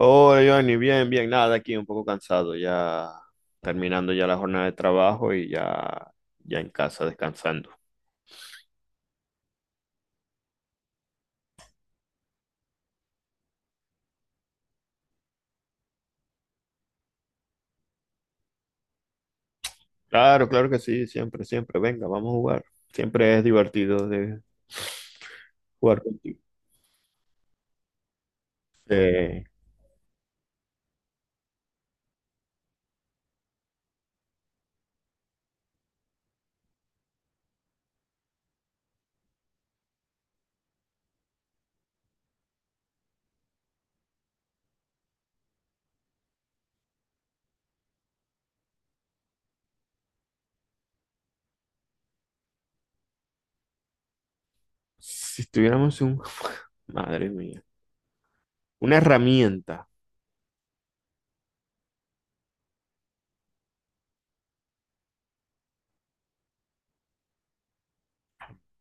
Hola, Johnny, bien, bien, nada, aquí un poco cansado, ya terminando ya la jornada de trabajo y ya, ya en casa descansando. Claro, claro que sí, siempre, siempre, venga, vamos a jugar. Siempre es divertido de jugar contigo. Eh, si tuviéramos un, madre mía, una herramienta,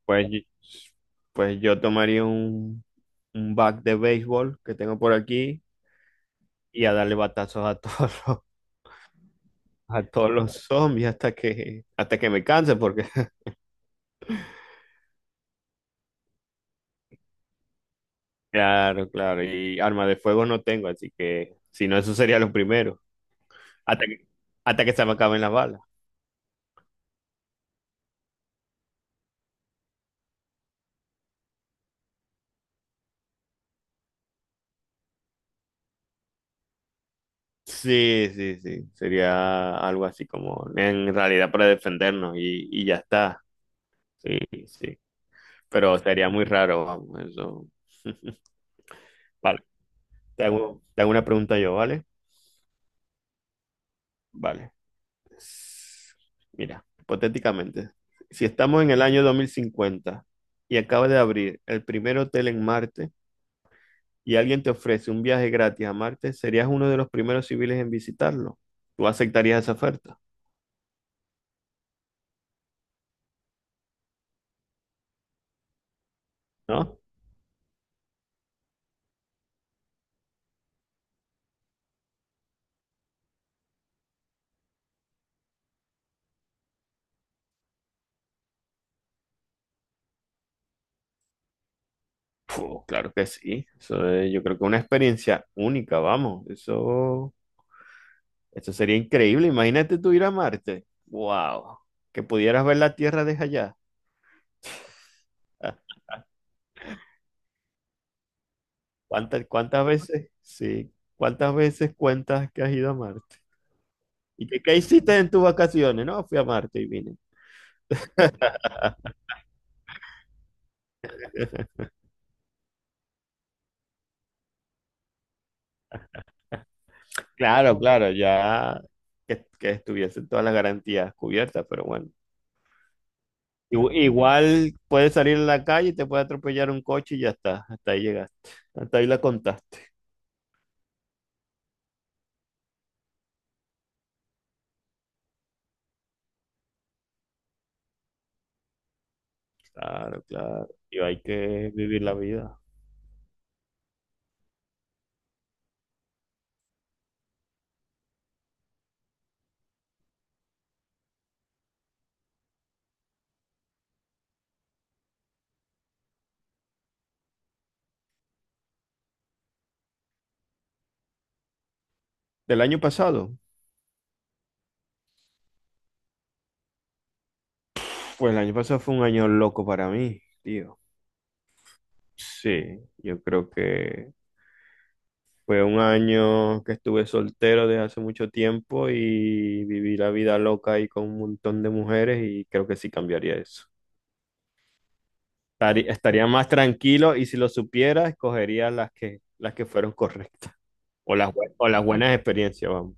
pues, pues yo tomaría un bat de béisbol que tengo por aquí y a darle batazos a todos los, a todos los zombies hasta que me canse, porque claro, claro. Y arma de fuego no tengo, así que si no, eso sería lo primero. Hasta que, hasta que se me acaben las balas. Sí, sí, sí. Sería algo así como en realidad para defendernos y ya está. Sí, sí. Pero sería muy raro, vamos, eso. Vale. Te hago una pregunta yo, ¿vale? Vale. S- Mira, hipotéticamente, si estamos en el año 2050 y acaba de abrir el primer hotel en Marte, y alguien te ofrece un viaje gratis a Marte, serías uno de los primeros civiles en visitarlo. ¿Tú aceptarías esa oferta? ¿No? Puh, claro que sí. Yo creo que es una experiencia única, vamos. Eso sería increíble. Imagínate tú ir a Marte. ¡Wow! Que pudieras ver la Tierra desde allá. Ah, ¿cuántas, cuántas veces? Sí. ¿Cuántas veces cuentas que has ido a Marte? ¿Y qué, qué hiciste en tus vacaciones? No, fui a Marte y vine. Claro, claro, ya que estuviesen todas las garantías cubiertas, pero bueno. Igual puedes salir a la calle y te puede atropellar un coche y ya está, hasta ahí llegaste, hasta ahí la contaste. Claro, claro, y hay que vivir la vida. ¿Del año pasado? Pues el año pasado fue un año loco para mí, tío. Sí, yo creo que fue un año que estuve soltero desde hace mucho tiempo y viví la vida loca ahí con un montón de mujeres y creo que sí cambiaría eso. Estaría más tranquilo y si lo supiera, escogería las que fueron correctas o las, o las buenas experiencias, vamos.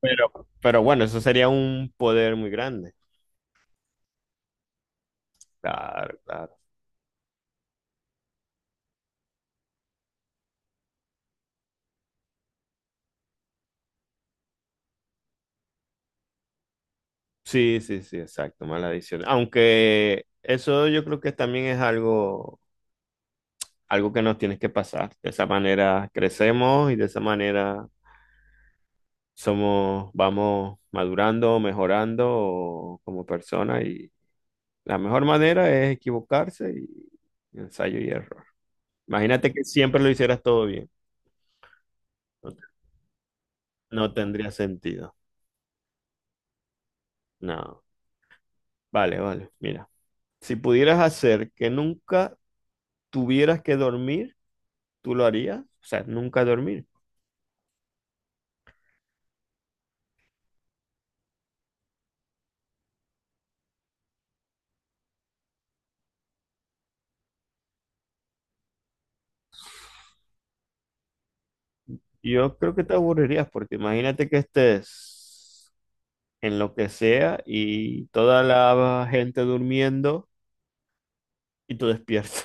Pero, pero bueno, eso sería un poder muy grande. Claro, claro. Sí, sí, sí, exacto, mala adicción. Aunque eso yo creo que también es algo, algo que nos tienes que pasar. De esa manera crecemos y de esa manera somos, vamos madurando, mejorando como personas. Y la mejor manera es equivocarse y ensayo y error. Imagínate que siempre lo hicieras todo bien. No, no tendría sentido. No. Vale, vale. Mira, si pudieras hacer que nunca tuvieras que dormir, ¿tú lo harías? O sea, nunca dormir. Yo creo que te aburrirías porque imagínate que estés en lo que sea y toda la gente durmiendo y tú despiertas.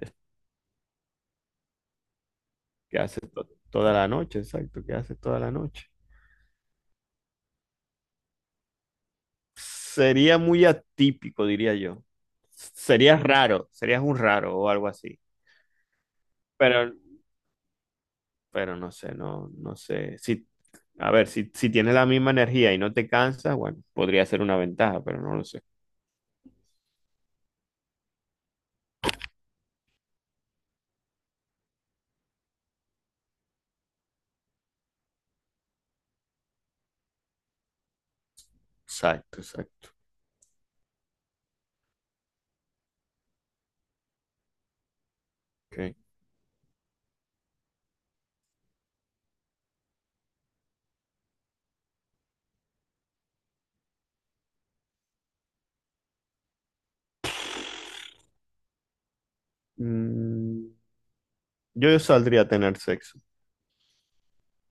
¿Qué haces toda la noche? Exacto, ¿qué haces toda la noche? Sería muy atípico, diría yo. Serías raro, serías un raro o algo así. Pero, pero no sé, no, no sé. Si, a ver, si, si tienes la misma energía y no te cansas, bueno, podría ser una ventaja, pero no lo sé. Exacto, exacto. Ok. Mm, yo saldría a tener sexo.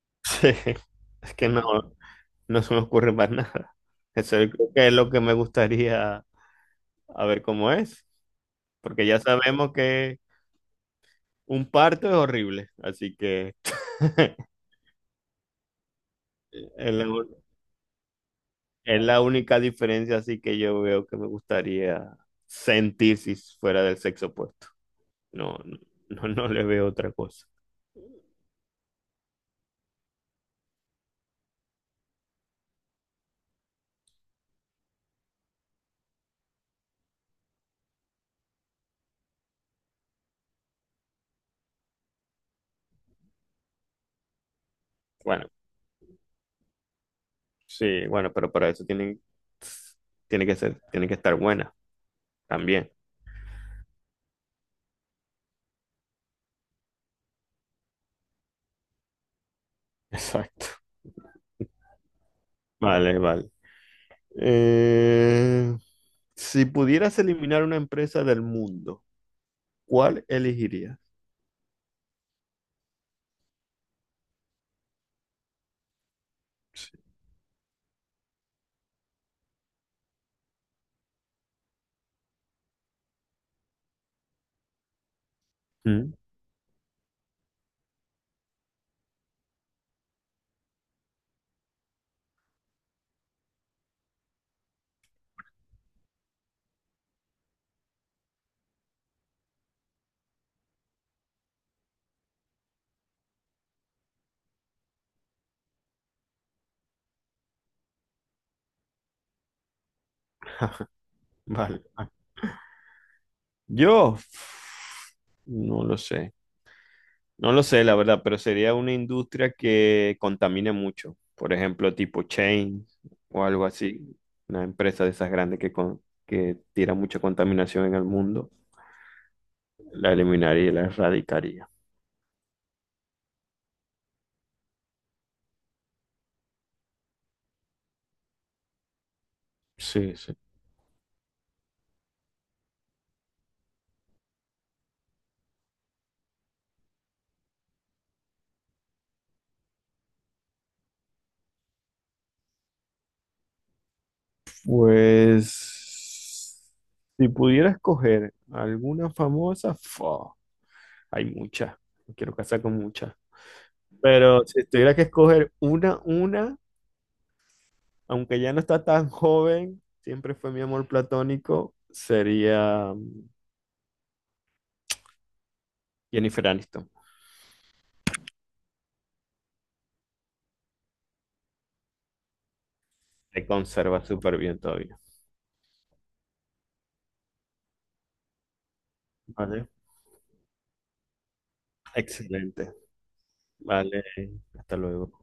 Sí, es que no, no se me ocurre más nada. Eso yo creo que es lo que me gustaría, a ver cómo es, porque ya sabemos que un parto es horrible, así que es la, es la única diferencia así que yo veo que me gustaría sentir si fuera del sexo opuesto. No, no, no, no le veo otra cosa. Bueno, sí, bueno, pero para eso tienen, tiene que ser, tiene que estar buena también. Exacto. Vale, vale. Eh, si pudieras eliminar una empresa del mundo, ¿cuál elegirías? Sí. Mm. Vale. Yo. No lo sé. No lo sé, la verdad, pero sería una industria que contamine mucho. Por ejemplo, tipo chain o algo así. Una empresa de esas grandes que, que tira mucha contaminación en el mundo. La eliminaría y la erradicaría. Sí, sí. Pues, si pudiera escoger alguna famosa, fa, hay muchas. Me quiero casar con muchas. Pero si tuviera que escoger una, aunque ya no está tan joven, siempre fue mi amor platónico, sería Jennifer Aniston. Se conserva súper bien todavía. Vale, excelente. Vale, hasta luego.